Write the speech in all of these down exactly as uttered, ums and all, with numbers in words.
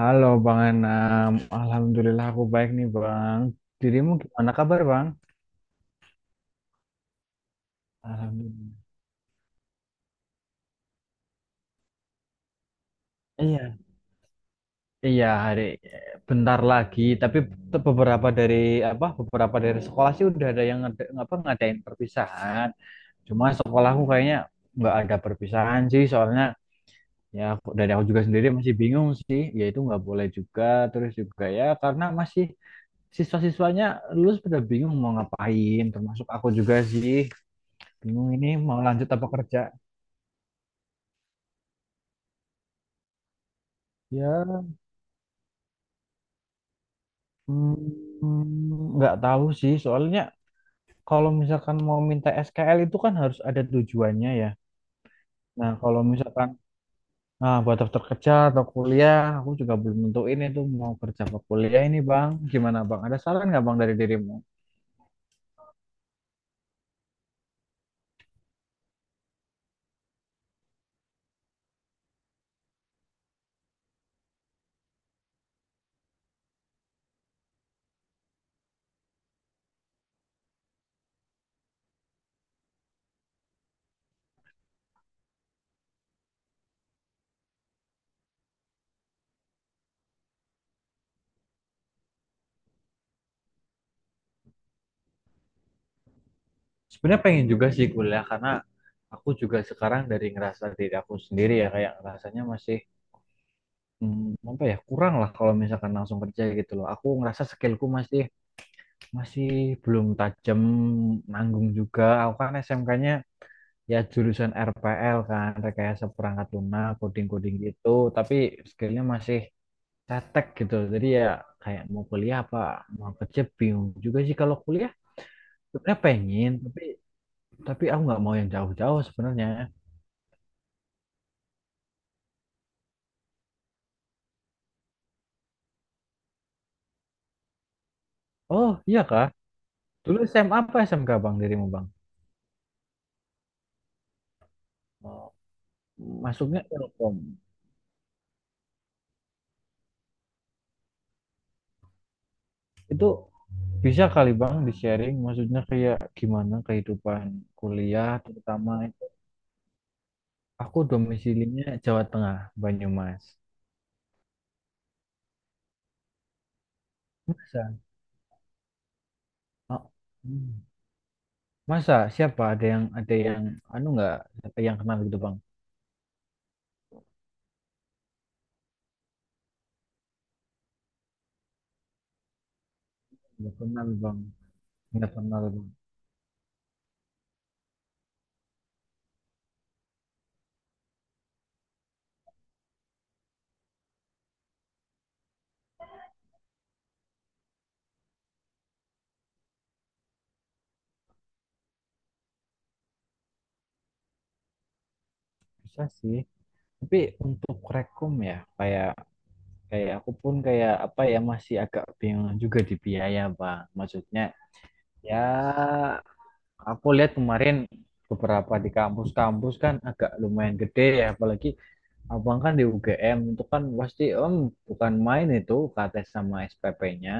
Halo Bang Enam, alhamdulillah aku baik nih Bang. Dirimu gimana kabar Bang? Alhamdulillah. Iya, iya hari bentar lagi. Tapi te- beberapa dari apa? Beberapa dari sekolah sih udah ada yang ngada, apa ngadain perpisahan. Cuma sekolahku kayaknya nggak ada perpisahan sih. Soalnya ya aku- dari aku juga sendiri masih bingung sih. Ya itu nggak boleh juga. Terus juga ya karena masih siswa-siswanya lulus pada bingung mau ngapain. Termasuk aku juga sih. Bingung ini mau lanjut apa kerja? Ya, mm, nggak tahu sih. Soalnya kalau misalkan mau minta S K L itu kan harus ada tujuannya ya. Nah, kalau misalkan ah buat daftar kerja atau kuliah, aku juga belum nentuin itu mau kerja apa kuliah ini, Bang. Gimana, Bang? Ada saran nggak, Bang, dari dirimu? Sebenarnya pengen juga sih kuliah karena aku juga sekarang dari ngerasa diri aku sendiri ya kayak rasanya masih hmm, apa ya kurang lah kalau misalkan langsung kerja gitu loh. Aku ngerasa skillku masih masih belum tajam, nanggung juga. Aku kan S M K-nya ya jurusan R P L, kan rekayasa perangkat lunak, coding-coding gitu, tapi skillnya masih cetek gitu. Jadi ya kayak mau kuliah apa mau kerja bingung juga sih. Kalau kuliah sebenarnya pengen, tapi tapi aku nggak mau yang jauh-jauh sebenarnya. Oh iya Kak, dulu S M A apa S M K Bang dirimu Bang? Oh, masuknya ilkom itu. Bisa kali Bang di-sharing, maksudnya kayak gimana kehidupan kuliah terutama itu. Aku domisilinya Jawa Tengah, Banyumas. Masa? Oh, hmm. Masa siapa, ada yang ada yang anu, nggak ada yang kenal gitu Bang? Nggak kenal Bang, nggak kenal Bang. Bisa sih. Tapi untuk rekom ya, kayak kayak aku pun kayak apa ya, masih agak bingung juga di biaya Bang. Maksudnya ya, aku lihat kemarin beberapa di kampus-kampus kan agak lumayan gede ya, apalagi abang kan di U G M. Itu kan pasti om, bukan main itu K T S sama S P P-nya.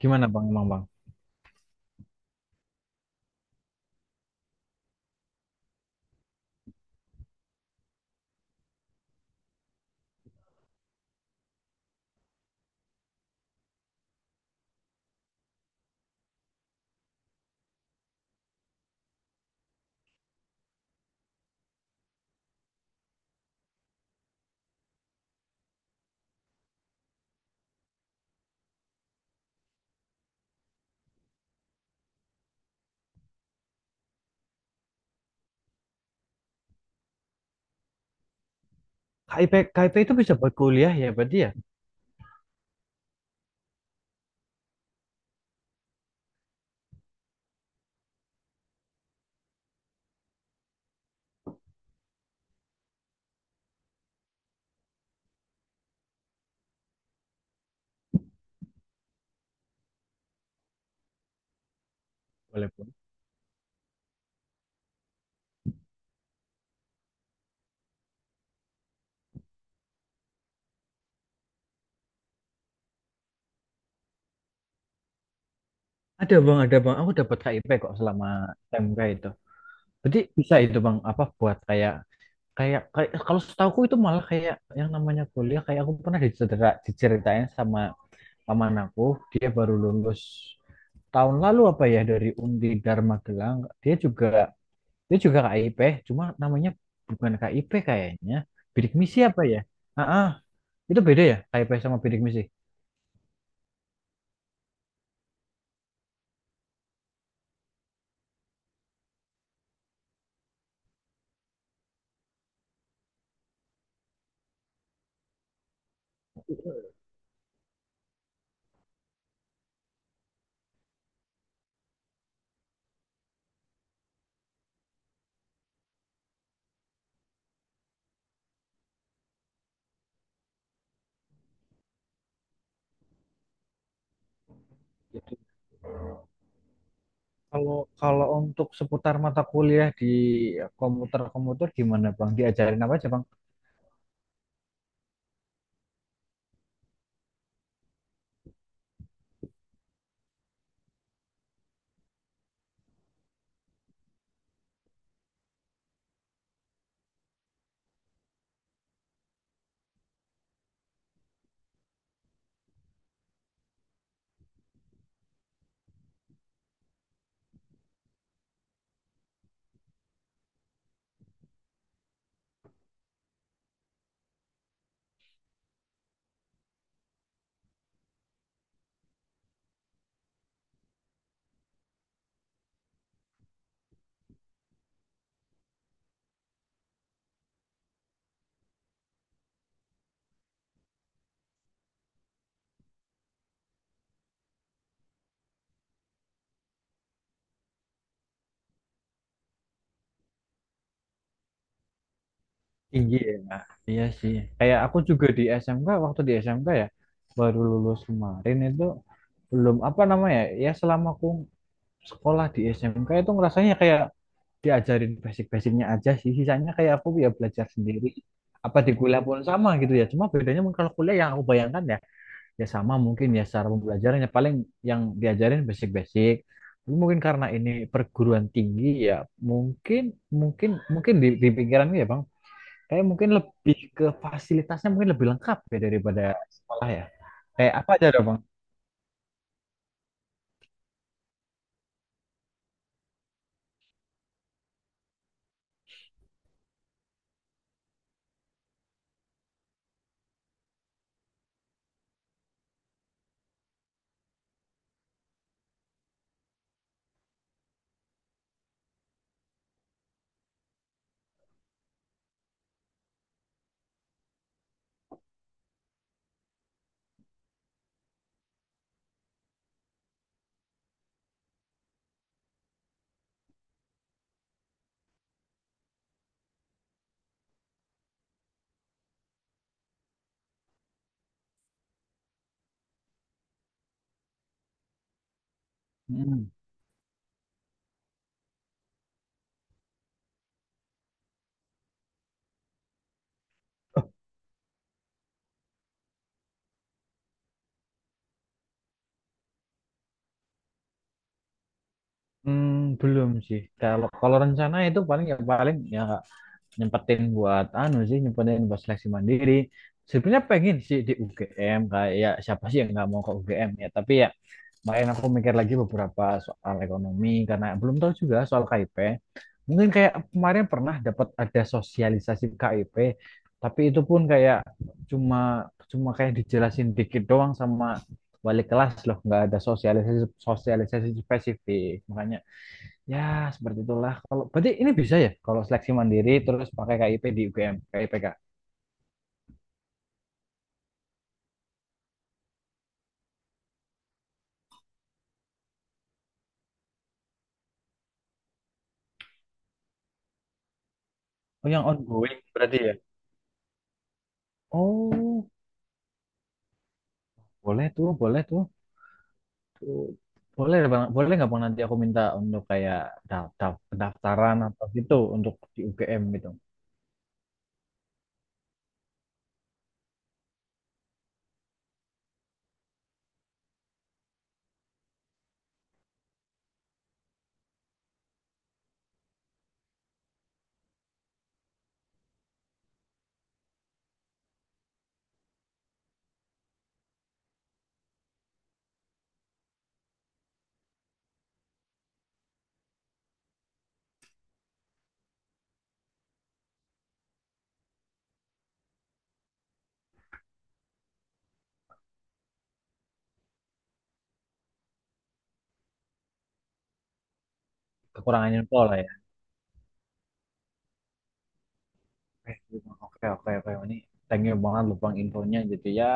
Gimana Bang, emang Bang? K I P, K I P itu bisa buat kuliah ya, berarti ya? Boleh Bang. Ada Bang, ada Bang. Aku dapat K I P kok selama S M K itu. Berarti bisa itu Bang, apa buat kayak kayak kayak kalau setahuku itu, malah kayak yang namanya kuliah, kayak aku pernah dicerita, diceritain sama paman aku, dia baru lulus tahun lalu apa ya dari Undi Dharma. Dia juga dia juga K I P, cuma namanya bukan K I P kayaknya, bidik misi apa ya. Ah ah. Itu beda ya K I P sama bidik misi? Itu, kalau kalau untuk seputar mata kuliah di komputer komputer gimana Bang, diajarin apa aja Bang? Tinggi ya. Nah, iya sih, kayak aku juga di S M K, waktu di S M K ya baru lulus kemarin itu, belum apa namanya ya. Selama aku sekolah di S M K itu ngerasanya kayak diajarin basic-basicnya aja sih, sisanya kayak aku ya belajar sendiri. Apa di kuliah pun sama gitu ya? Cuma bedanya mungkin kalau kuliah yang aku bayangkan ya, ya sama mungkin ya, secara pembelajarannya paling yang diajarin basic-basic. Tapi mungkin karena ini perguruan tinggi ya, mungkin mungkin mungkin di, di pikiranku ya Bang, kayak mungkin lebih ke fasilitasnya, mungkin lebih lengkap ya daripada sekolah ya, kayak apa aja dong Bang. Mm. Hmm, belum sih. Kalau kalau rencana itu paling ya paling ya nyempetin buat anu sih, nyempetin buat seleksi mandiri. Sebenarnya pengen sih di U G M, kayak ya siapa sih yang nggak mau ke U G M ya. Tapi ya kemarin aku mikir lagi beberapa soal ekonomi karena belum tahu juga soal K I P. Mungkin kayak kemarin pernah dapat ada sosialisasi K I P, tapi itu pun kayak cuma cuma kayak dijelasin dikit doang sama wali kelas loh, nggak ada sosialisasi sosialisasi spesifik. Makanya ya, seperti itulah. Kalau berarti ini bisa ya kalau seleksi mandiri terus pakai K I P di U G M, K I P K. Oh, yang ongoing berarti ya. Oh, boleh tuh, boleh tuh. Tuh. Boleh Bang, boleh nggak Bang nanti aku minta untuk kayak daftar pendaftaran atau gitu untuk di U G M gitu. Kekurangannya info lah ya. eh Oke, oke, oke. Ini thank you banget loh Bang infonya, jadi ya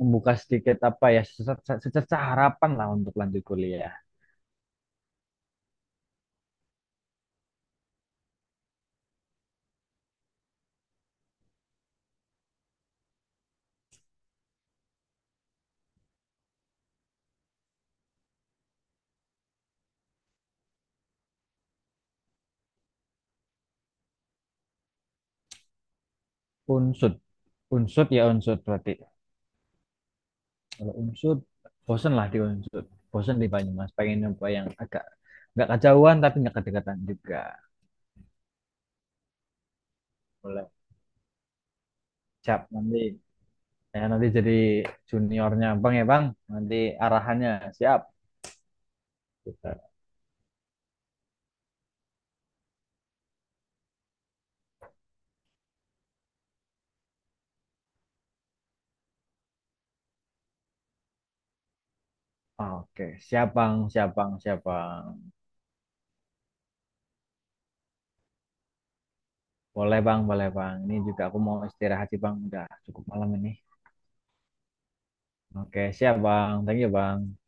membuka sedikit apa ya, secerca, secerca harapan lah untuk lanjut kuliah. Unsut, unsut ya, unsut berarti. Kalau Unsur, bosen lah di Unsur. Bosen di Banyumas. Pengen nyoba yang agak nggak kejauhan tapi nggak kedekatan juga. Boleh. Siap nanti. Saya nanti jadi juniornya Bang ya Bang. Nanti arahannya siap. Kita- Oke, siap Bang, siap Bang, siap Bang. Boleh Bang, boleh Bang. Ini juga aku mau istirahat sih Bang. Udah cukup malam ini. Oke, siap Bang. Thank you Bang.